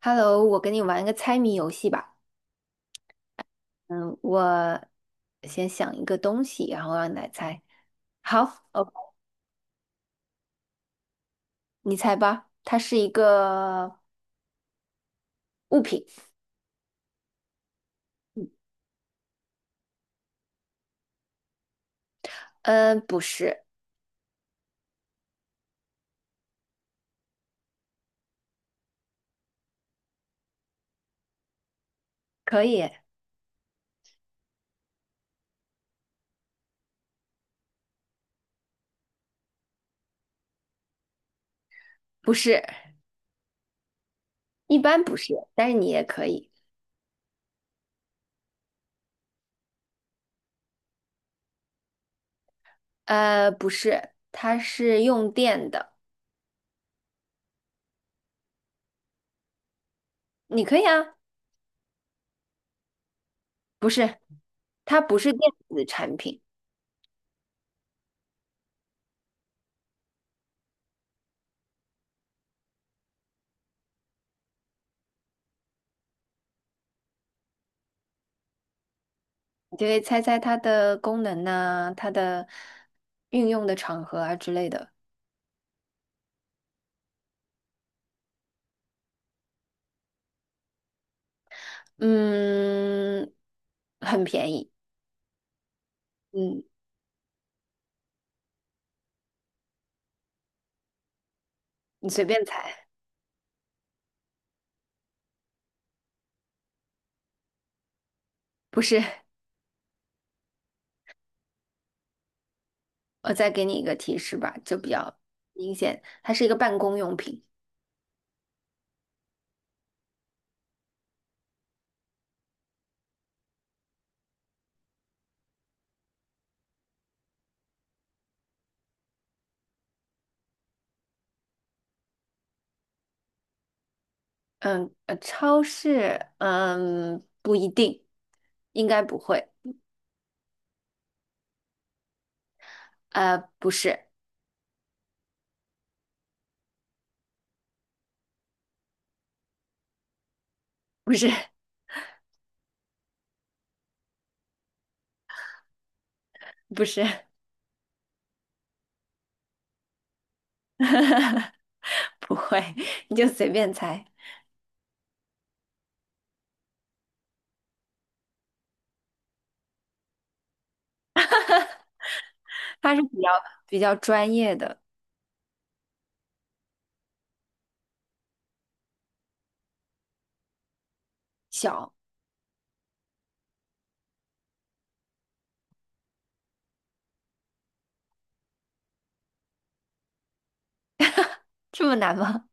Hello，我跟你玩一个猜谜游戏吧。嗯，我先想一个东西，然后让你来猜。好，哦，你猜吧。它是一个物品。嗯，不是，可以，不是，一般不是，但是你也可以。不是，它是用电的，你可以啊。不是，它不是电子产品，你就可以猜猜它的功能呐、它的运用的场合啊之类的。嗯，很便宜。嗯，你随便猜。不是，我再给你一个提示吧，就比较明显，它是一个办公用品。嗯，超市，不一定，应该不会。不是，不是，不是，不会，你就随便猜。它是比较专业的，小，这么难吗？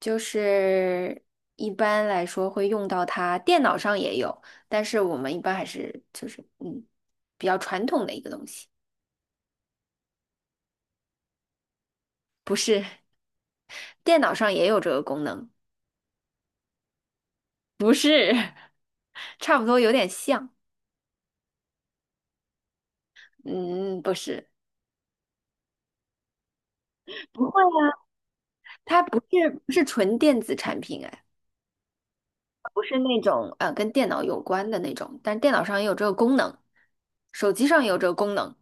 就是一般来说会用到它，电脑上也有，但是我们一般还是就是比较传统的一个东西，不是，电脑上也有这个功能，不是，差不多有点像，嗯，不是，不会啊，它不是纯电子产品，哎，不是那种跟电脑有关的那种，但是电脑上也有这个功能，手机上也有这个功能，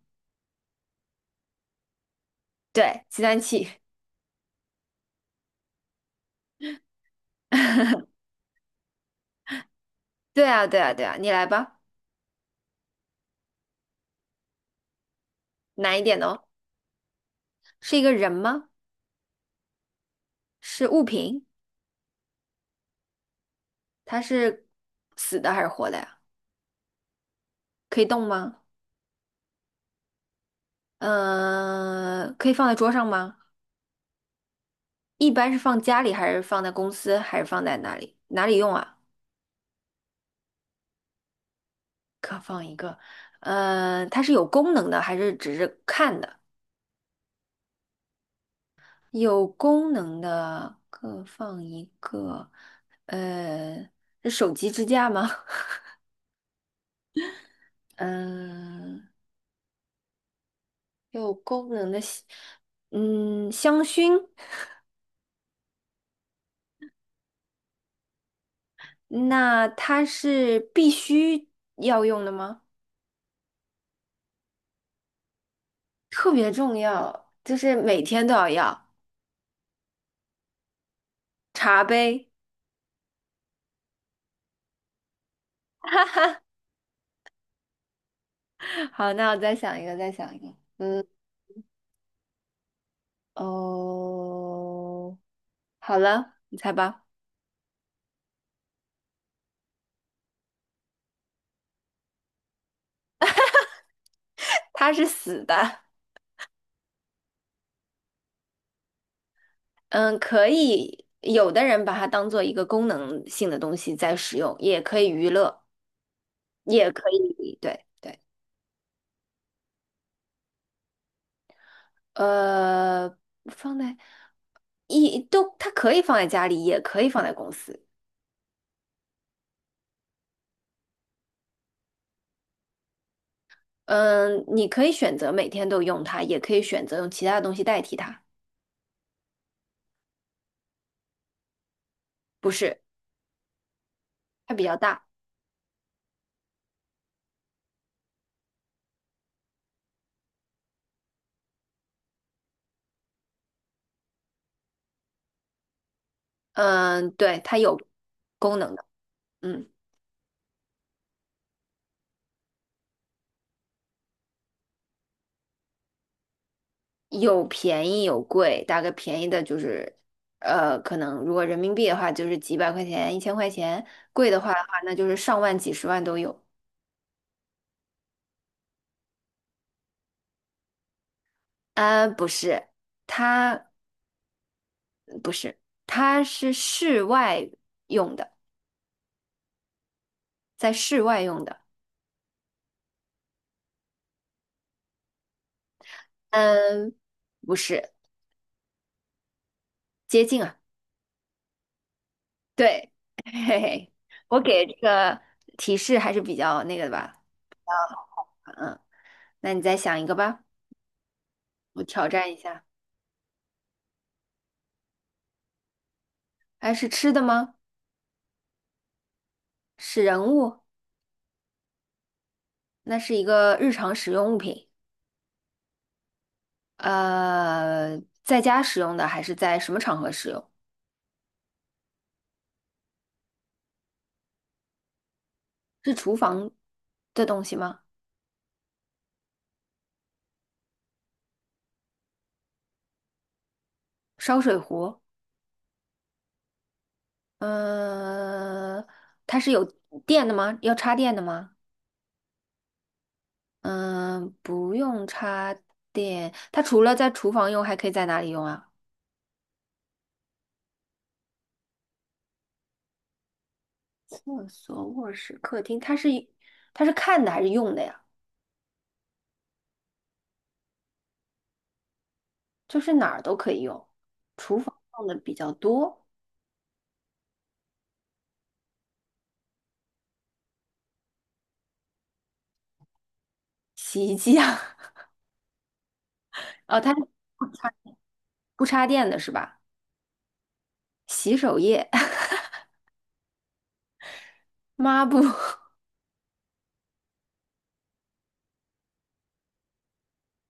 对，计算器，对啊，对啊，对啊，你来吧，难一点哦。是一个人吗？是物品？它是死的还是活的呀？可以动吗？嗯、可以放在桌上吗？一般是放家里，还是放在公司，还是放在哪里？哪里用啊？呃，它是有功能的，还是只是看的？有功能的各放一个，呃，是手机支架吗？嗯、有功能的香嗯，香薰。那它是必须要用的吗？特别重要，就是每天都要茶杯。哈哈，好，那我再想一个，再想一个。嗯，哦，好了，你猜吧。它是死的，嗯，可以，有的人把它当做一个功能性的东西在使用，也可以娱乐，也可以，对对，呃，放在一都，它可以放在家里，也可以放在公司。嗯，你可以选择每天都用它，也可以选择用其他的东西代替它。不是，它比较大。嗯，对，它有功能的。嗯，有便宜有贵，大概便宜的就是，呃，可能如果人民币的话，就是几百块钱、一千块钱；贵的话，那就是上万、几十万都有。啊，不是，它不是，它是室外用的，在室外用的。嗯，不是，接近。啊。对，嘿嘿，我给这个提示还是比较那个的吧。嗯，那你再想一个吧，我挑战一下。哎，是吃的吗？是人物？那是一个日常使用物品。呃，在家使用的还是在什么场合使用？是厨房的东西吗？烧水壶？嗯、它是有电的吗？要插电的吗？嗯、不用插电。它除了在厨房用，还可以在哪里用啊？厕所、卧室、客厅，它是看的还是用的呀？就是哪儿都可以用，厨房用的比较多，洗衣机啊，哦，它是不插不插电的是吧？洗手液、抹布、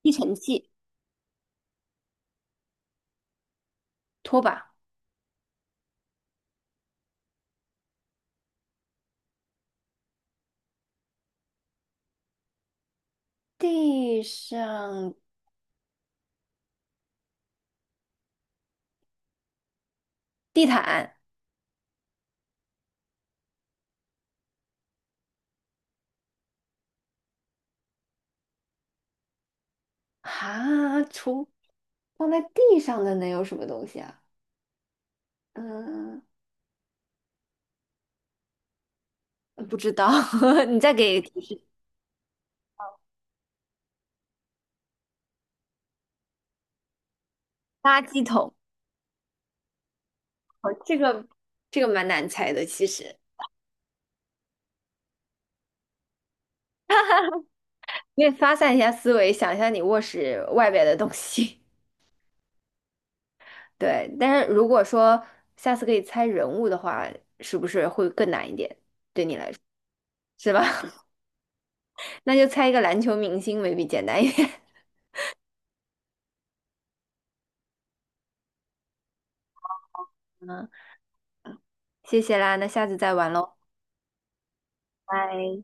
吸尘器、拖把、地上地毯啊，除放在地上的能有什么东西啊？嗯，不知道，你再给提示垃圾桶。哦，这个蛮难猜的，其实。可以发散一下思维，想一下你卧室外边的东西。对，但是如果说下次可以猜人物的话，是不是会更难一点？是吧？那就猜一个篮球明星，maybe 简单一点。嗯，谢谢啦，那下次再玩喽，拜。